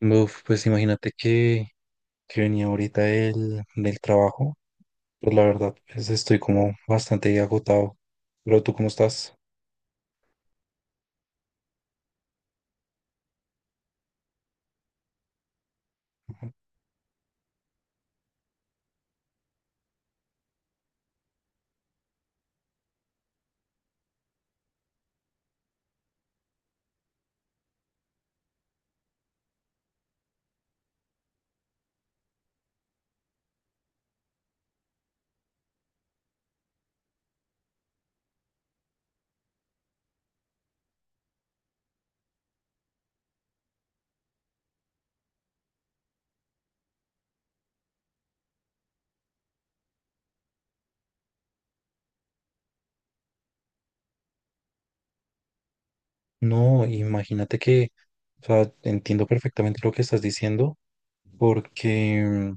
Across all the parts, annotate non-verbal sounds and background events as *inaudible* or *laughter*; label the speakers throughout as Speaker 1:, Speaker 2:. Speaker 1: Uf, pues imagínate que venía ahorita del trabajo. Pues la verdad, pues estoy como bastante agotado. Pero ¿tú cómo estás? Ujú. No, imagínate que, o sea, entiendo perfectamente lo que estás diciendo porque,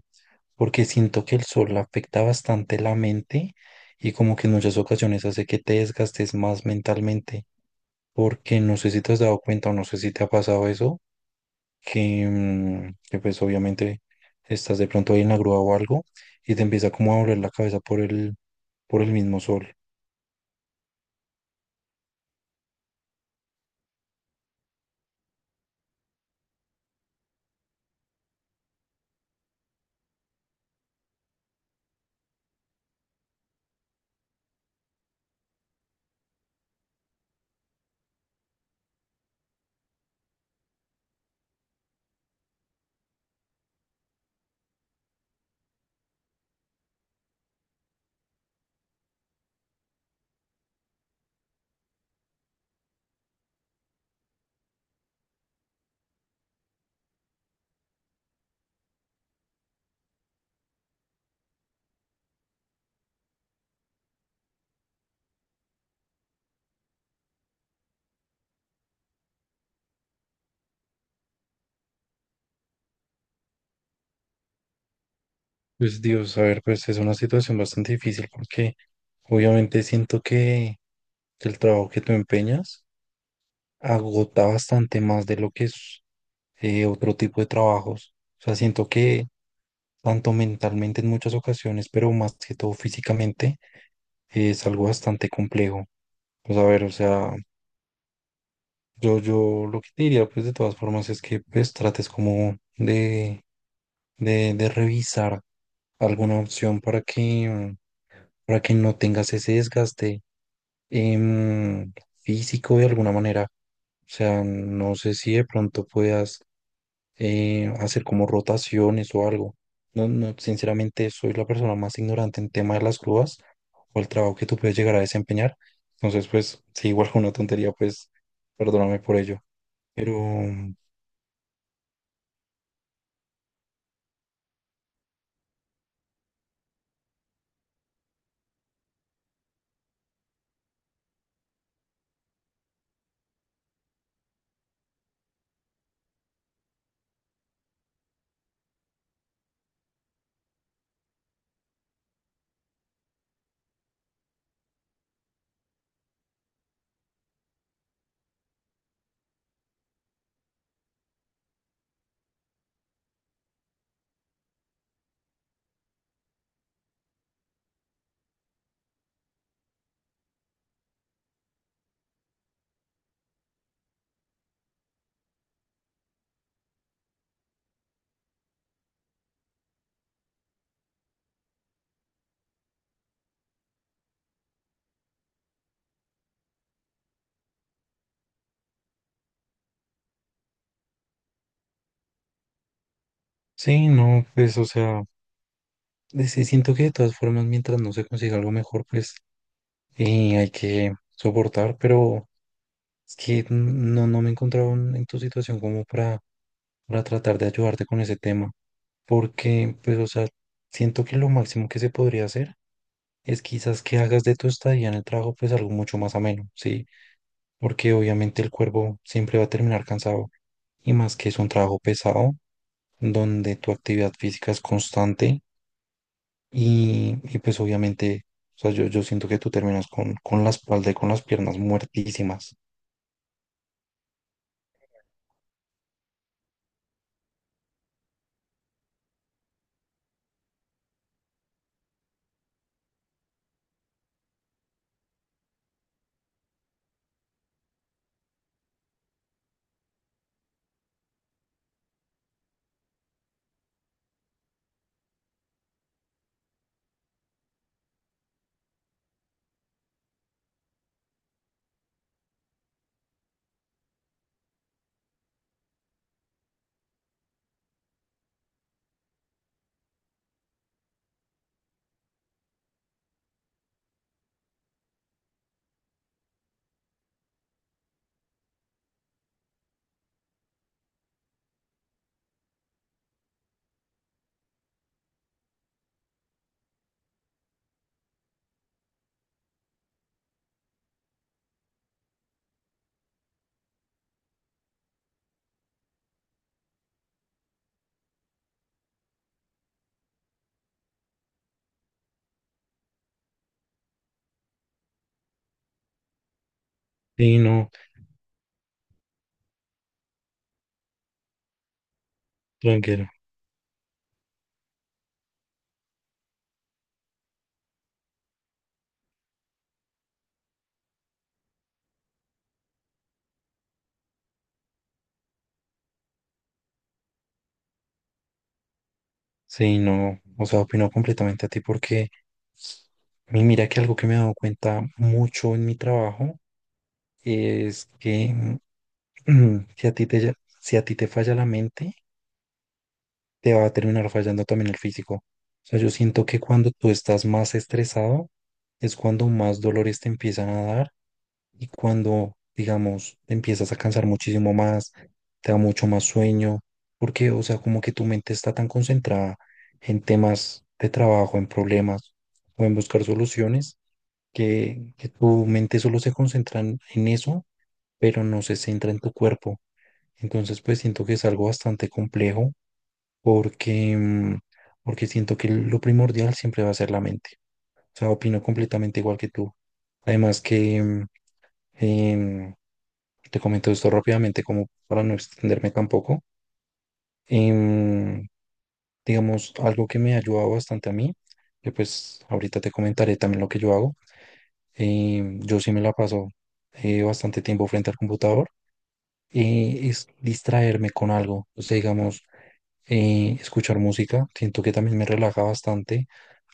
Speaker 1: porque siento que el sol afecta bastante la mente y como que en muchas ocasiones hace que te desgastes más mentalmente, porque no sé si te has dado cuenta o no sé si te ha pasado eso, que pues obviamente estás de pronto ahí en la grúa o algo y te empieza como a doler la cabeza por el mismo sol. Pues Dios, a ver, pues es una situación bastante difícil porque obviamente siento que el trabajo que tú empeñas agota bastante más de lo que es otro tipo de trabajos. O sea, siento que tanto mentalmente en muchas ocasiones, pero más que todo físicamente, es algo bastante complejo. Pues a ver, o sea, yo lo que te diría, pues de todas formas, es que pues trates como de, de revisar alguna opción para que no tengas ese desgaste em, físico de alguna manera. O sea, no sé si de pronto puedas hacer como rotaciones o algo. No, no, sinceramente soy la persona más ignorante en tema de las grúas o el trabajo que tú puedes llegar a desempeñar. Entonces, pues, si igual fue una tontería, pues, perdóname por ello. Pero sí, no, pues, o sea, sí, siento que de todas formas, mientras no se consiga algo mejor, pues, hay que soportar, pero es que no, no me encontraba en tu situación como para tratar de ayudarte con ese tema, porque, pues, o sea, siento que lo máximo que se podría hacer es quizás que hagas de tu estadía en el trabajo, pues, algo mucho más ameno, ¿sí? Porque obviamente el cuerpo siempre va a terminar cansado, y más que es un trabajo pesado, donde tu actividad física es constante, y, pues, obviamente, o sea, yo siento que tú terminas con la espalda y con las piernas muertísimas. Sí, no, tranquilo. Sí, no, o sea, opino completamente a ti porque mira que algo que me he dado cuenta mucho en mi trabajo es que *clears throat* si a ti te, ya- si a ti te falla la mente, te va a terminar fallando también el físico. O sea, yo siento que cuando tú estás más estresado es cuando más dolores te empiezan a dar y cuando, digamos, te empiezas a cansar muchísimo más, te da mucho más sueño, porque, o sea, como que tu mente está tan concentrada en temas de trabajo, en problemas o en buscar soluciones, que tu mente solo se concentra en eso, pero no se centra en tu cuerpo. Entonces, pues siento que es algo bastante complejo porque, porque siento que lo primordial siempre va a ser la mente. O sea, opino completamente igual que tú. Además que em, te comento esto rápidamente como para no extenderme tampoco. Em, digamos, algo que me ha ayudado bastante a mí, que pues ahorita te comentaré también lo que yo hago. Yo sí me la paso bastante tiempo frente al computador y es distraerme con algo. O sea, digamos, escuchar música. Siento que también me relaja bastante,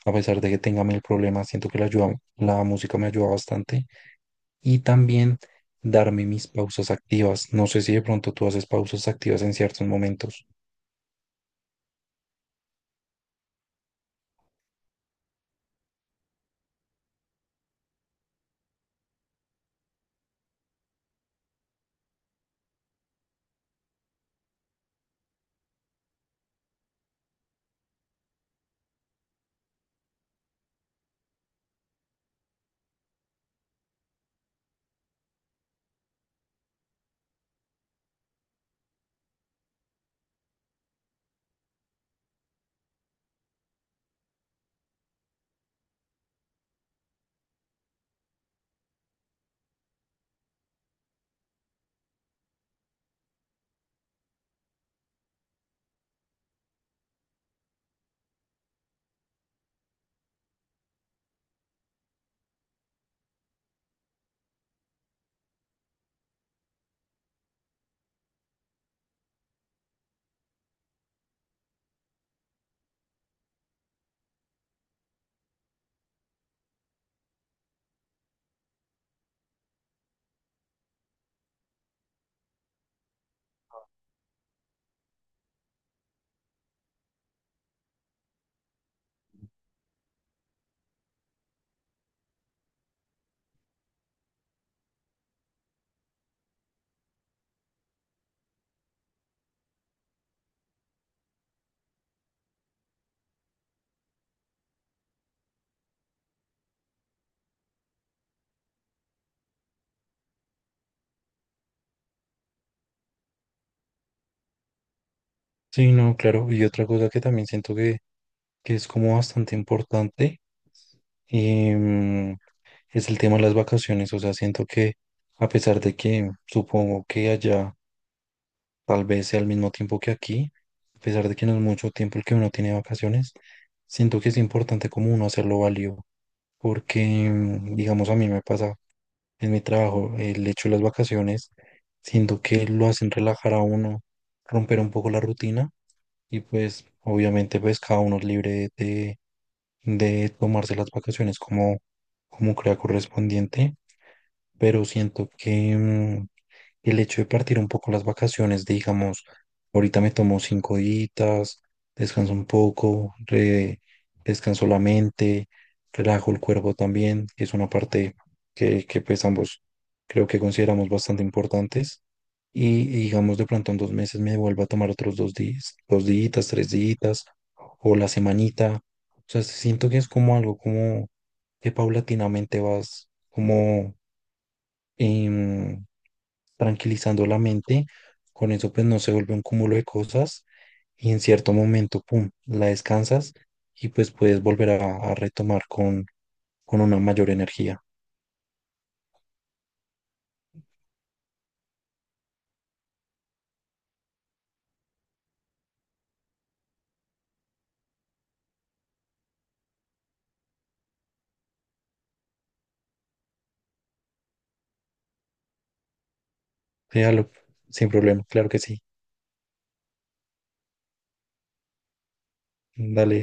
Speaker 1: a pesar de que tenga mil problemas. Siento que la música me ayuda bastante. Y también darme mis pausas activas. No sé si de pronto tú haces pausas activas en ciertos momentos. Sí, no, claro. Y otra cosa que también siento que es como bastante importante, em, es el tema de las vacaciones. O sea, siento que a pesar de que supongo que allá tal vez sea al mismo tiempo que aquí, a pesar de que no es mucho tiempo el que uno tiene de vacaciones, siento que es importante como uno hacerlo válido. Porque, digamos, a mí me pasa en mi trabajo, el hecho de las vacaciones, siento que lo hacen relajar a uno, romper un poco la rutina y pues obviamente pues cada uno es libre de tomarse las vacaciones como, como crea correspondiente, pero siento que, el hecho de partir un poco las vacaciones, de, digamos, ahorita me tomo 5 días, descanso un poco, descanso la mente, relajo el cuerpo también, que es una parte que pues ambos creo que consideramos bastante importantes. Y digamos, de pronto en 2 meses me vuelvo a tomar otros dos días, 3 días, o la semanita. O sea, siento que es como algo como que paulatinamente vas como em, tranquilizando la mente, con eso pues no se vuelve un cúmulo de cosas y en cierto momento, pum, la descansas y pues puedes volver a retomar con una mayor energía. Déjalo, sin problema, claro que sí. Dale.